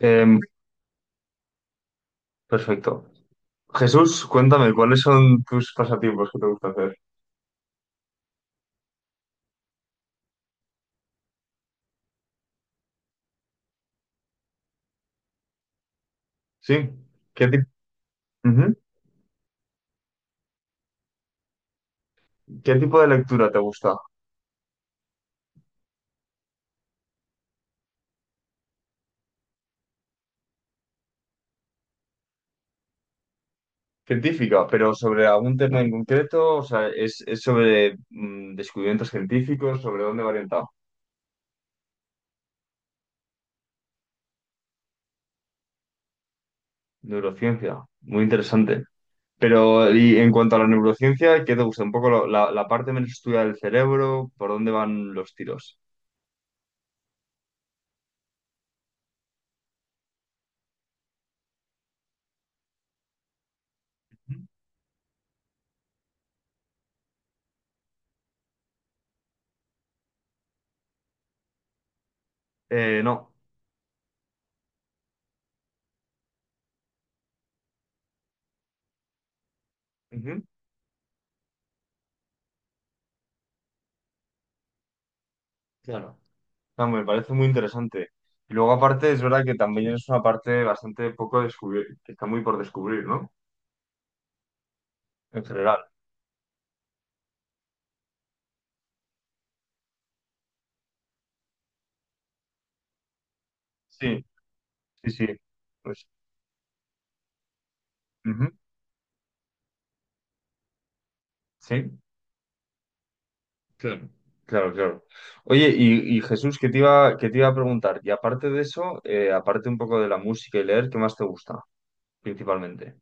Em, perfecto. Jesús, cuéntame, ¿cuáles son tus pasatiempos que te gusta hacer? Sí. ¿Qué, ti- Ujú. ¿Qué tipo de lectura te gusta? Científica, pero sobre algún tema en concreto, o sea, ¿es sobre descubrimientos científicos, ¿sobre dónde va orientado? Neurociencia, muy interesante. Pero, y en cuanto a la neurociencia, ¿qué te gusta? Un poco la parte menos estudiada del cerebro, por dónde van los tiros. No. Ujú. Claro. No, me parece muy interesante. Y luego aparte es verdad que también es una parte bastante poco descubierta, que está muy por descubrir, ¿no? En general. Sí, sí, sí. Pues, ujú. Sí. Claro, claro, claro. Oye, y Jesús, qué te iba a preguntar? Y aparte de eso, aparte un poco de la música y leer, ¿qué más te gusta principalmente?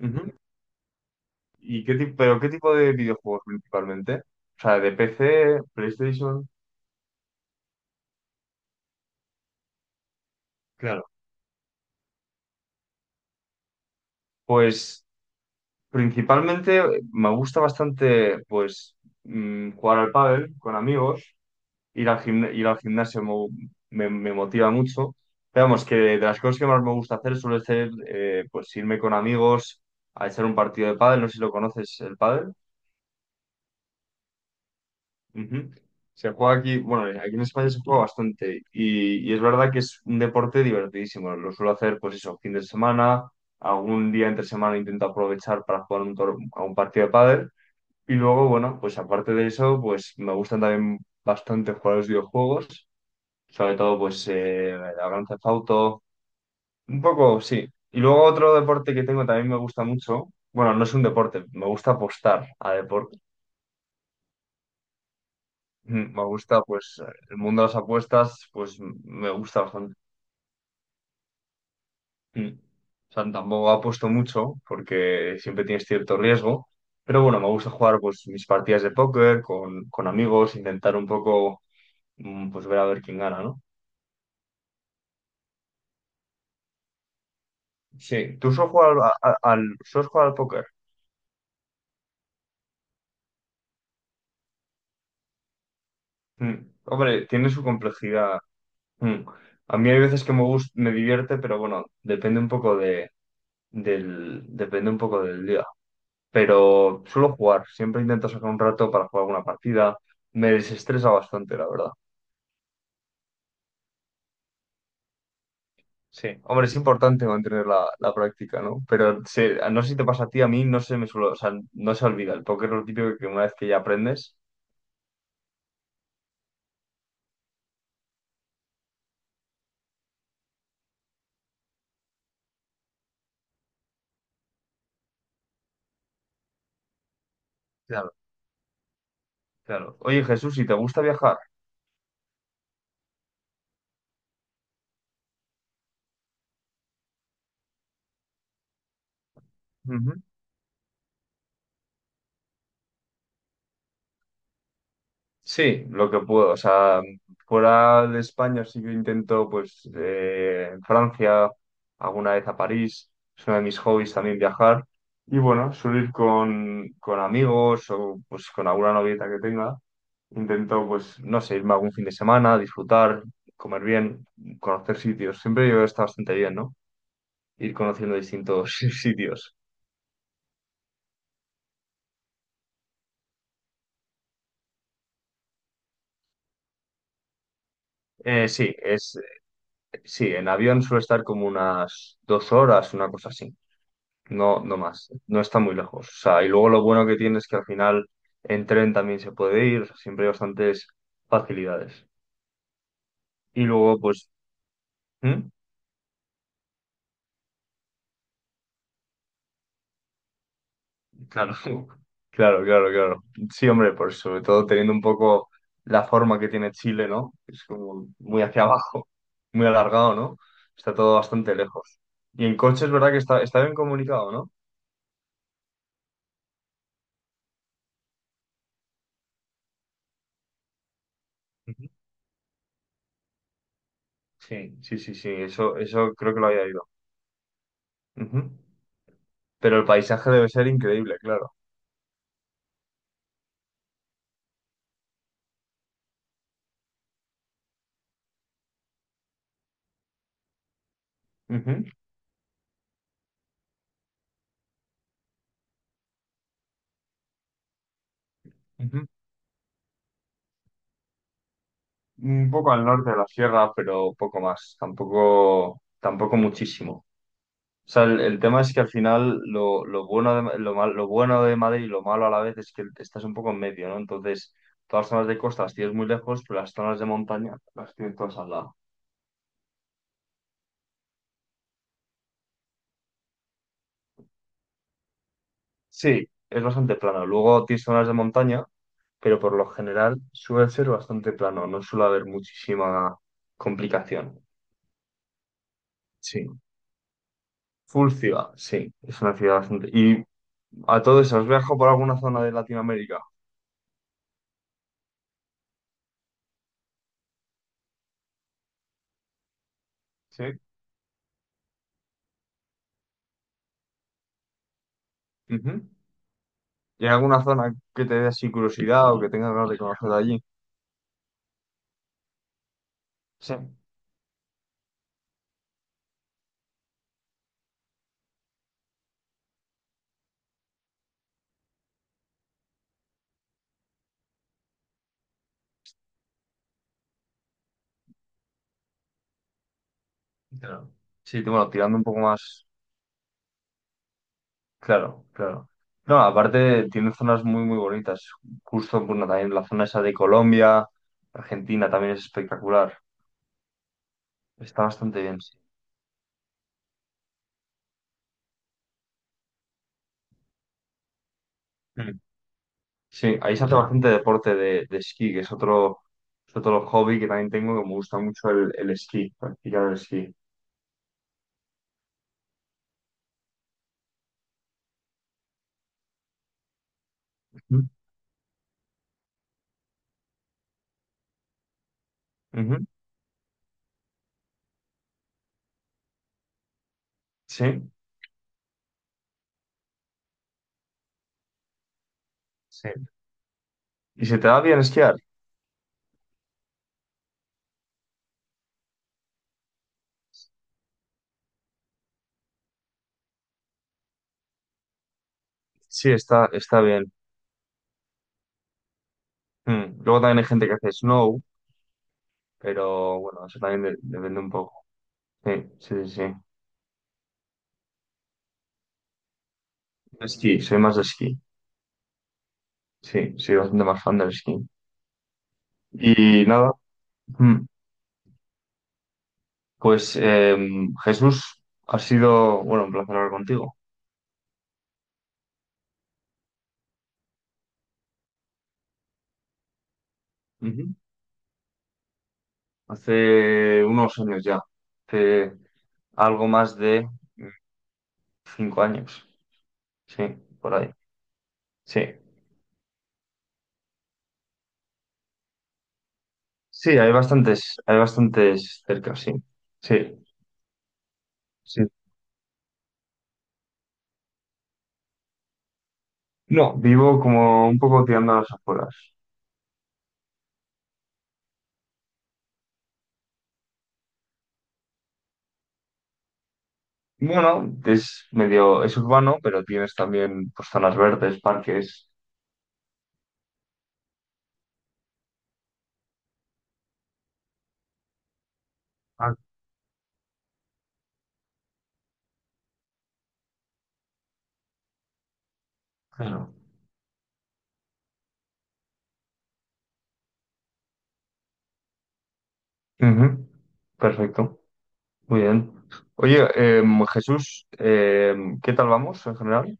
Ujú. ¿Y qué tipo, pero qué tipo de videojuegos principalmente? O sea, de PC, PlayStation. Claro. Pues principalmente me gusta bastante pues jugar al pádel con amigos, ir al gimnasio me motiva mucho. Pero vamos, que de las cosas que más me gusta hacer suele ser pues irme con amigos a echar un partido de pádel, no sé si lo conoces el pádel. Ujú. Se juega aquí, bueno, aquí en España se juega bastante y es verdad que es un deporte divertidísimo. Lo suelo hacer pues eso, fin de semana, algún día entre semana intento aprovechar para jugar a un partido de pádel. Y luego, bueno, pues aparte de eso, pues me gustan también bastante jugar a los videojuegos, sobre todo pues el Grand Theft Auto, un poco, sí. Y luego otro deporte que tengo también me gusta mucho, bueno, no es un deporte, me gusta apostar a deporte. Mm, me gusta pues el mundo de las apuestas, me gusta bastante. Mm. O sea, tampoco apuesto mucho porque siempre tienes cierto riesgo, pero bueno, me gusta jugar pues mis partidas de póker con amigos, intentar un poco pues ver a ver quién gana, ¿no? Sí, tú solo jugar solo jugar al póker. Mm. Hombre, tiene su complejidad. Mm. A mí hay veces que me gusta, me divierte, pero bueno, depende un poco del día. Pero suelo jugar, siempre intento sacar un rato para jugar alguna partida. Me desestresa bastante, la verdad. Sí. Hombre, es importante mantener la práctica, ¿no? No sé si te pasa a ti, a mí no se me suele, o sea, no se olvida. El póker es lo típico que una vez que ya aprendes. Claro, claro. Oye, Jesús, si te gusta viajar. Ujú. Sí, lo que puedo. O sea, fuera de España sí que intento, pues, en Francia, alguna vez a París. Es uno de mis hobbies también viajar. Y bueno, suelo ir con amigos o pues con alguna novieta que tenga. Intento, pues, no sé, irme algún fin de semana, disfrutar, comer bien, conocer sitios. Siempre yo he estado bastante bien, ¿no? Ir conociendo distintos sitios. Eh, sí, es, sí, en avión suele estar como unas 2 horas, una cosa así. No, no más, no está muy lejos. O sea, y luego lo bueno que tiene es que al final en tren también se puede ir, o sea, siempre hay bastantes facilidades. Y luego, pues, ¿mm? Claro, claro, claro, claro. Sí, hombre, por sobre todo teniendo un poco la forma que tiene Chile, ¿no? Es como muy hacia abajo, muy alargado, ¿no? Está todo bastante lejos. Y en coche es verdad que está bien comunicado, ¿no? Ujú. Sí, sí, sí, sí, eso creo que lo había ido. Ujú. Pero el paisaje debe ser increíble, claro. Ujú. Ujú. Un poco al norte de la sierra, pero poco más, tampoco, tampoco muchísimo. O sea, el tema es que al final lo bueno de Madrid y lo malo a la vez es que estás un poco en medio, ¿no? Entonces, todas las zonas de costa las tienes muy lejos, pero las zonas de montaña las tienes todas al lado. Sí, es bastante plano. Luego tienes zonas de montaña, pero por lo general suele ser bastante plano, no suele haber muchísima complicación. Sí. Full ciudad, sí, es una ciudad bastante. Y a todo eso, ¿has viajado por alguna zona de Latinoamérica? Sí. Ujú. ¿Y hay alguna zona que te dé así curiosidad o que tengas ganas de conocer de allí? Sí. Claro. Sí, bueno, tirando un poco más. Claro, claro. No, aparte tiene zonas muy, muy bonitas. Justo, bueno, también la zona esa de Colombia, Argentina también es espectacular. Está bastante bien, sí. Mm. Sí, ahí se hace bastante deporte de esquí, que es otro hobby que también tengo, que me gusta mucho el esquí, practicar el esquí. Ujú. Ujú. Sí. Sí. ¿Y se te da bien esquiar? Sí, está, está bien. Mm. Luego también hay gente que hace snow, pero bueno, eso también depende un poco. Sí, sí, sí, sí. Esquí, soy más de esquí. Sí, soy bastante más fan del esquí. Y nada, mm, pues Jesús, ha sido, bueno, un placer hablar contigo. Ujú. Hace unos años ya, hace algo más de mm, 5 años, sí, por ahí. Sí, sí, hay bastantes cerca, sí. Sí. Sí. No, vivo como un poco tirando a las afueras. Bueno, es medio, es urbano, pero tienes también pues, zonas verdes, parques. Ah, claro. Ujú. Perfecto, muy bien. Oye, Jesús, ¿qué tal vamos en general?